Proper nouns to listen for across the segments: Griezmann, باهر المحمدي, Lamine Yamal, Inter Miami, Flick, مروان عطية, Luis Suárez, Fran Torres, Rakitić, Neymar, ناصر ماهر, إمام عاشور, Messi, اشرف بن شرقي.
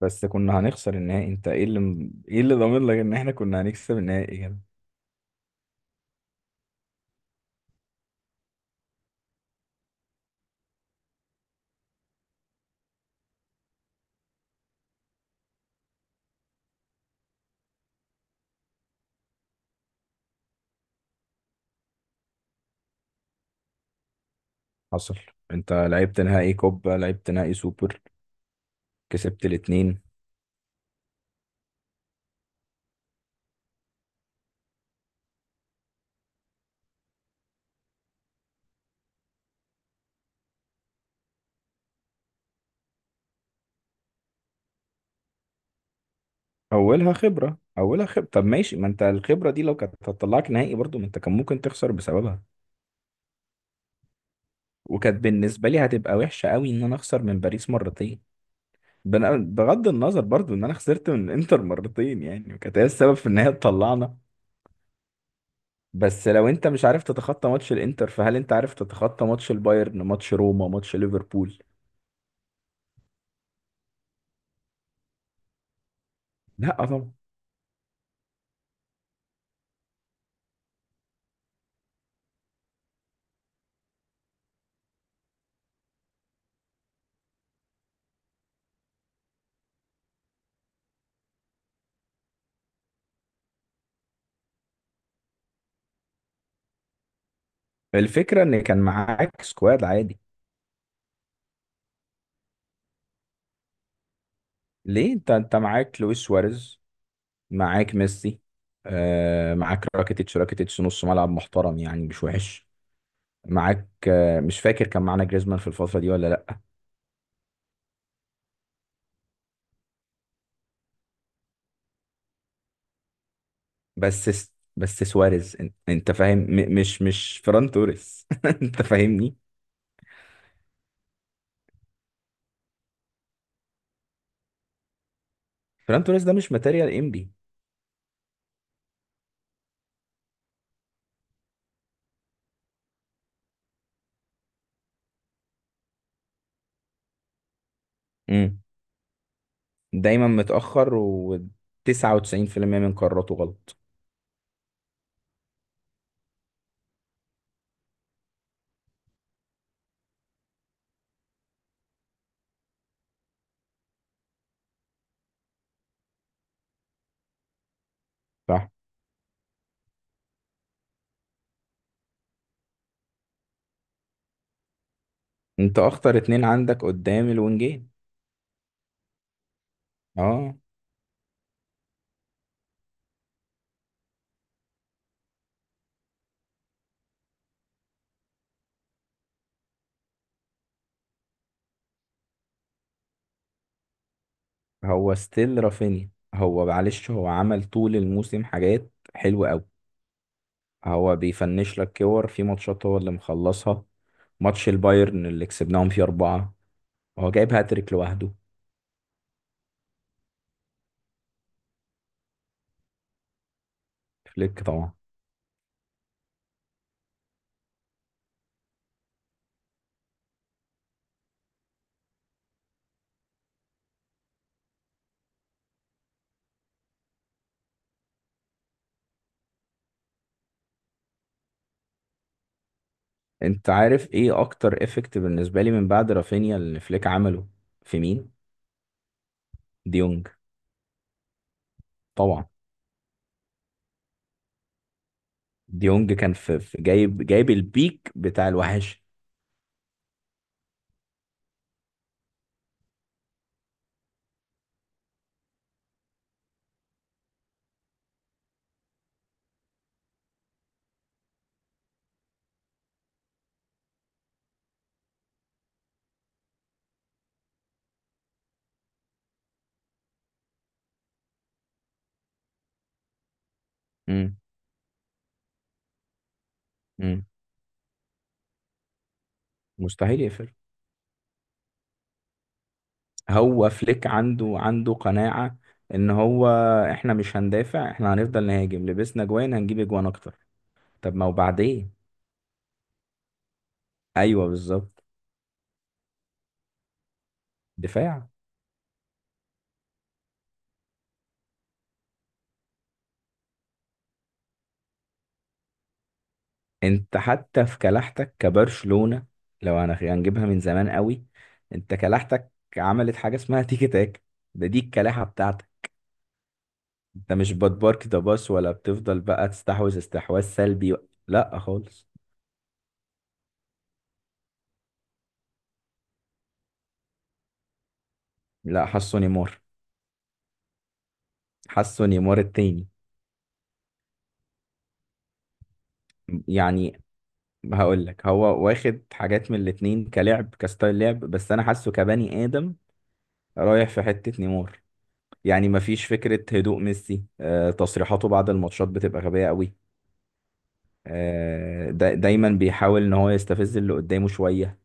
بس كنا هنخسر النهائي. انت ايه اللي ايه اللي ضامن لك ان احنا كنا هنكسب النهائي يعني؟ حصل. انت لعبت نهائي كوبا، لعبت نهائي سوبر، كسبت الاتنين. اولها خبرة، اولها خبرة. طب ماشي، ما انت الخبرة دي لو كانت هتطلعك نهائي برضو ما انت كان ممكن تخسر بسببها. وكانت بالنسبة لي هتبقى وحشة قوي ان انا اخسر من باريس مرتين. بغض النظر برضو ان انا خسرت من الانتر مرتين يعني، وكانت هي السبب في ان هي تطلعنا. بس لو انت مش عارف تتخطى ماتش الانتر فهل انت عارف تتخطى ماتش البايرن، ماتش روما، ماتش ليفربول؟ لا طبعا. الفكرة ان كان معاك سكواد عادي. ليه؟ انت معاك لويس سواريز، معاك ميسي، آه معاك راكيتيتش. نص ملعب محترم يعني، مش وحش. معاك آه، مش فاكر كان معانا جريزمان في الفترة دي ولا لا. بس سواريز انت فاهم، مش فران توريس انت فاهمني؟ فران توريس ده مش ماتيريال انبي. دايما متأخر و99% من قراراته غلط. صح، انت اخطر اتنين عندك قدام الونجين. اه. هو ستيل رافينيا. هو معلش هو عمل طول الموسم حاجات حلوة قوي. هو بيفنش لك كور في ماتشات هو اللي مخلصها. ماتش البايرن اللي كسبناهم فيه أربعة، هو جايب هاتريك لوحده. فليك طبعا. انت عارف ايه اكتر افكت بالنسبة لي من بعد رافينيا اللي فليك عمله؟ في مين؟ ديونج. طبعا ديونج كان جايب، جايب البيك بتاع الوحش. امم، امم، مستحيل يقفل. هو فليك عنده، عنده قناعة ان هو احنا مش هندافع، احنا هنفضل نهاجم، لبسنا جوان هنجيب اجوان اكتر. طب ما وبعدين. ايوه بالظبط. دفاع. انت حتى في كلاحتك كبرشلونة، لو هنجيبها من زمان قوي، انت كلاحتك عملت حاجة اسمها تيكي تاك. ده دي الكلاحة بتاعتك. انت مش بتبارك ده باص ولا بتفضل بقى تستحوذ استحواذ سلبي. لا خالص. لا، حاسه نيمار. حاسه نيمار التاني. يعني هقول لك، هو واخد حاجات من الاتنين كلعب كستايل لعب، بس انا حاسه كبني ادم رايح في حتة نيمار. يعني مفيش فكرة هدوء ميسي. آه، تصريحاته بعد الماتشات بتبقى غبية قوي. آه، دايما بيحاول ان هو يستفز اللي قدامه شوية.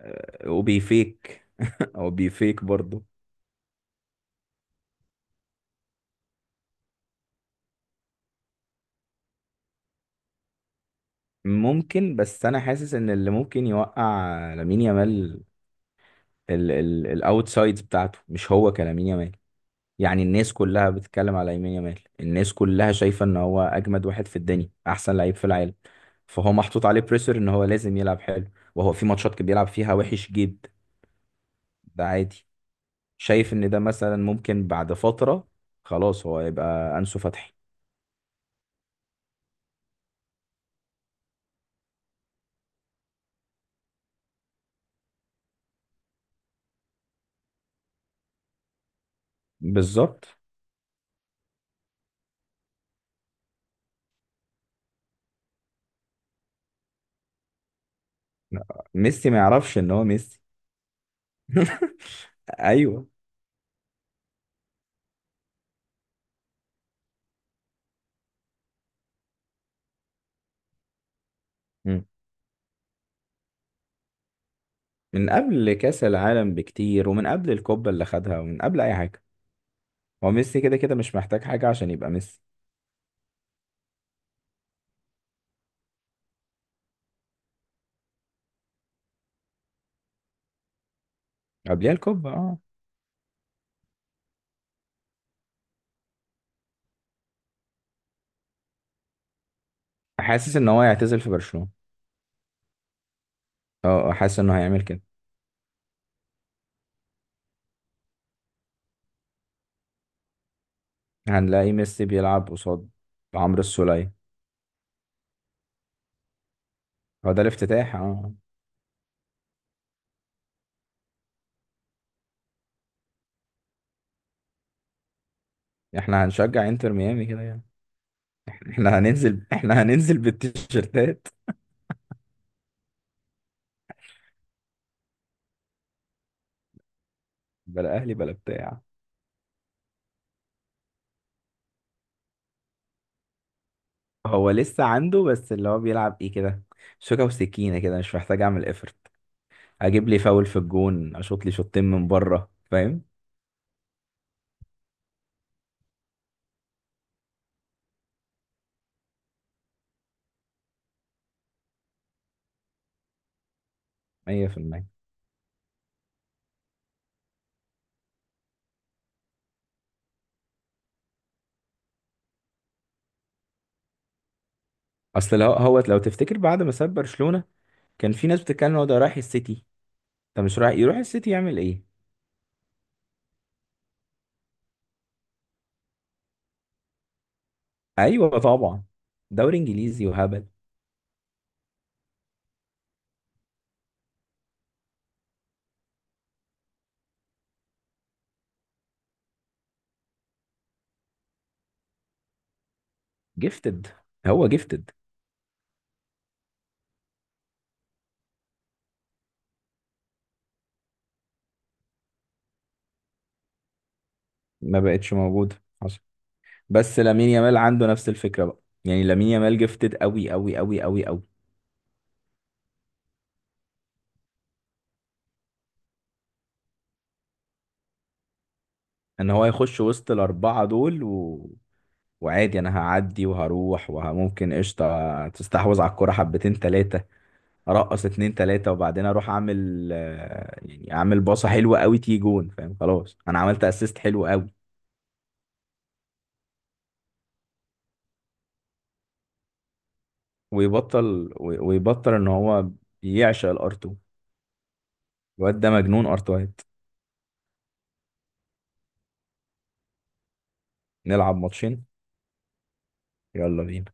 آه، وبيفيك او بيفيك برضه. ممكن، بس انا حاسس ان اللي ممكن يوقع لامين يامال الاوتسايدز بتاعته، مش هو كلامين يامال. يعني الناس كلها بتتكلم على يمين يامال، الناس كلها شايفة ان هو اجمد واحد في الدنيا، احسن لعيب في العالم. فهو محطوط عليه بريسر ان هو لازم يلعب حلو، وهو في ماتشات كان بيلعب فيها وحش جدا. ده عادي. شايف ان ده مثلا ممكن بعد فترة خلاص هو يبقى انسو فتحي. بالظبط. ميسي ما يعرفش ان هو ميسي. ايوه. مم. من قبل كاس العالم بكتير، ومن قبل الكوبا اللي خدها، ومن قبل اي حاجه. هو ميسي كده كده مش محتاج حاجه عشان يبقى ميسي. قبلها الكوبا، اه. حاسس ان هو هيعتزل في برشلونة. اه آه، حاسس انه هيعمل كده. هنلاقي ميسي بيلعب قصاد عمرو السولية. هو ده الافتتاح، اه آه. احنا هنشجع انتر ميامي كده يعني. احنا هننزل، احنا هننزل بالتيشيرتات، بلا اهلي بلا بتاع. هو لسه عنده، بس اللي هو بيلعب ايه كده؟ شوكة وسكينة كده، مش محتاج اعمل افرت. اجيب لي فاول في الجون اشوط لي شوطين من بره، فاهم؟ 100%. اصل هو لو تفتكر بعد ما ساب برشلونة، كان في ناس بتتكلم إن هو ده رايح السيتي. طب مش رايح، يروح السيتي يعمل ايه؟ ايوه طبعا. دوري انجليزي وهبل. جيفتد، هو جيفتد. ما بقتش موجود. حصل. بس لامين يامال عنده نفس الفكره بقى. يعني لامين يامال جيفتد قوي قوي قوي قوي قوي. ان هو يخش وسط الاربعه دول و... وعادي انا هعدي وهروح، وممكن قشطه تستحوذ على الكره حبتين ثلاثه. ارقص اتنين ثلاثه وبعدين اروح اعمل آه، يعني اعمل باصه حلوه قوي تيجي جون، فاهم؟ خلاص انا عملت اسيست حلو قوي. ويبطل ويبطل ان هو يعشق الار2. الواد ده مجنون ارت وايت. نلعب ماتشين. يلا بينا.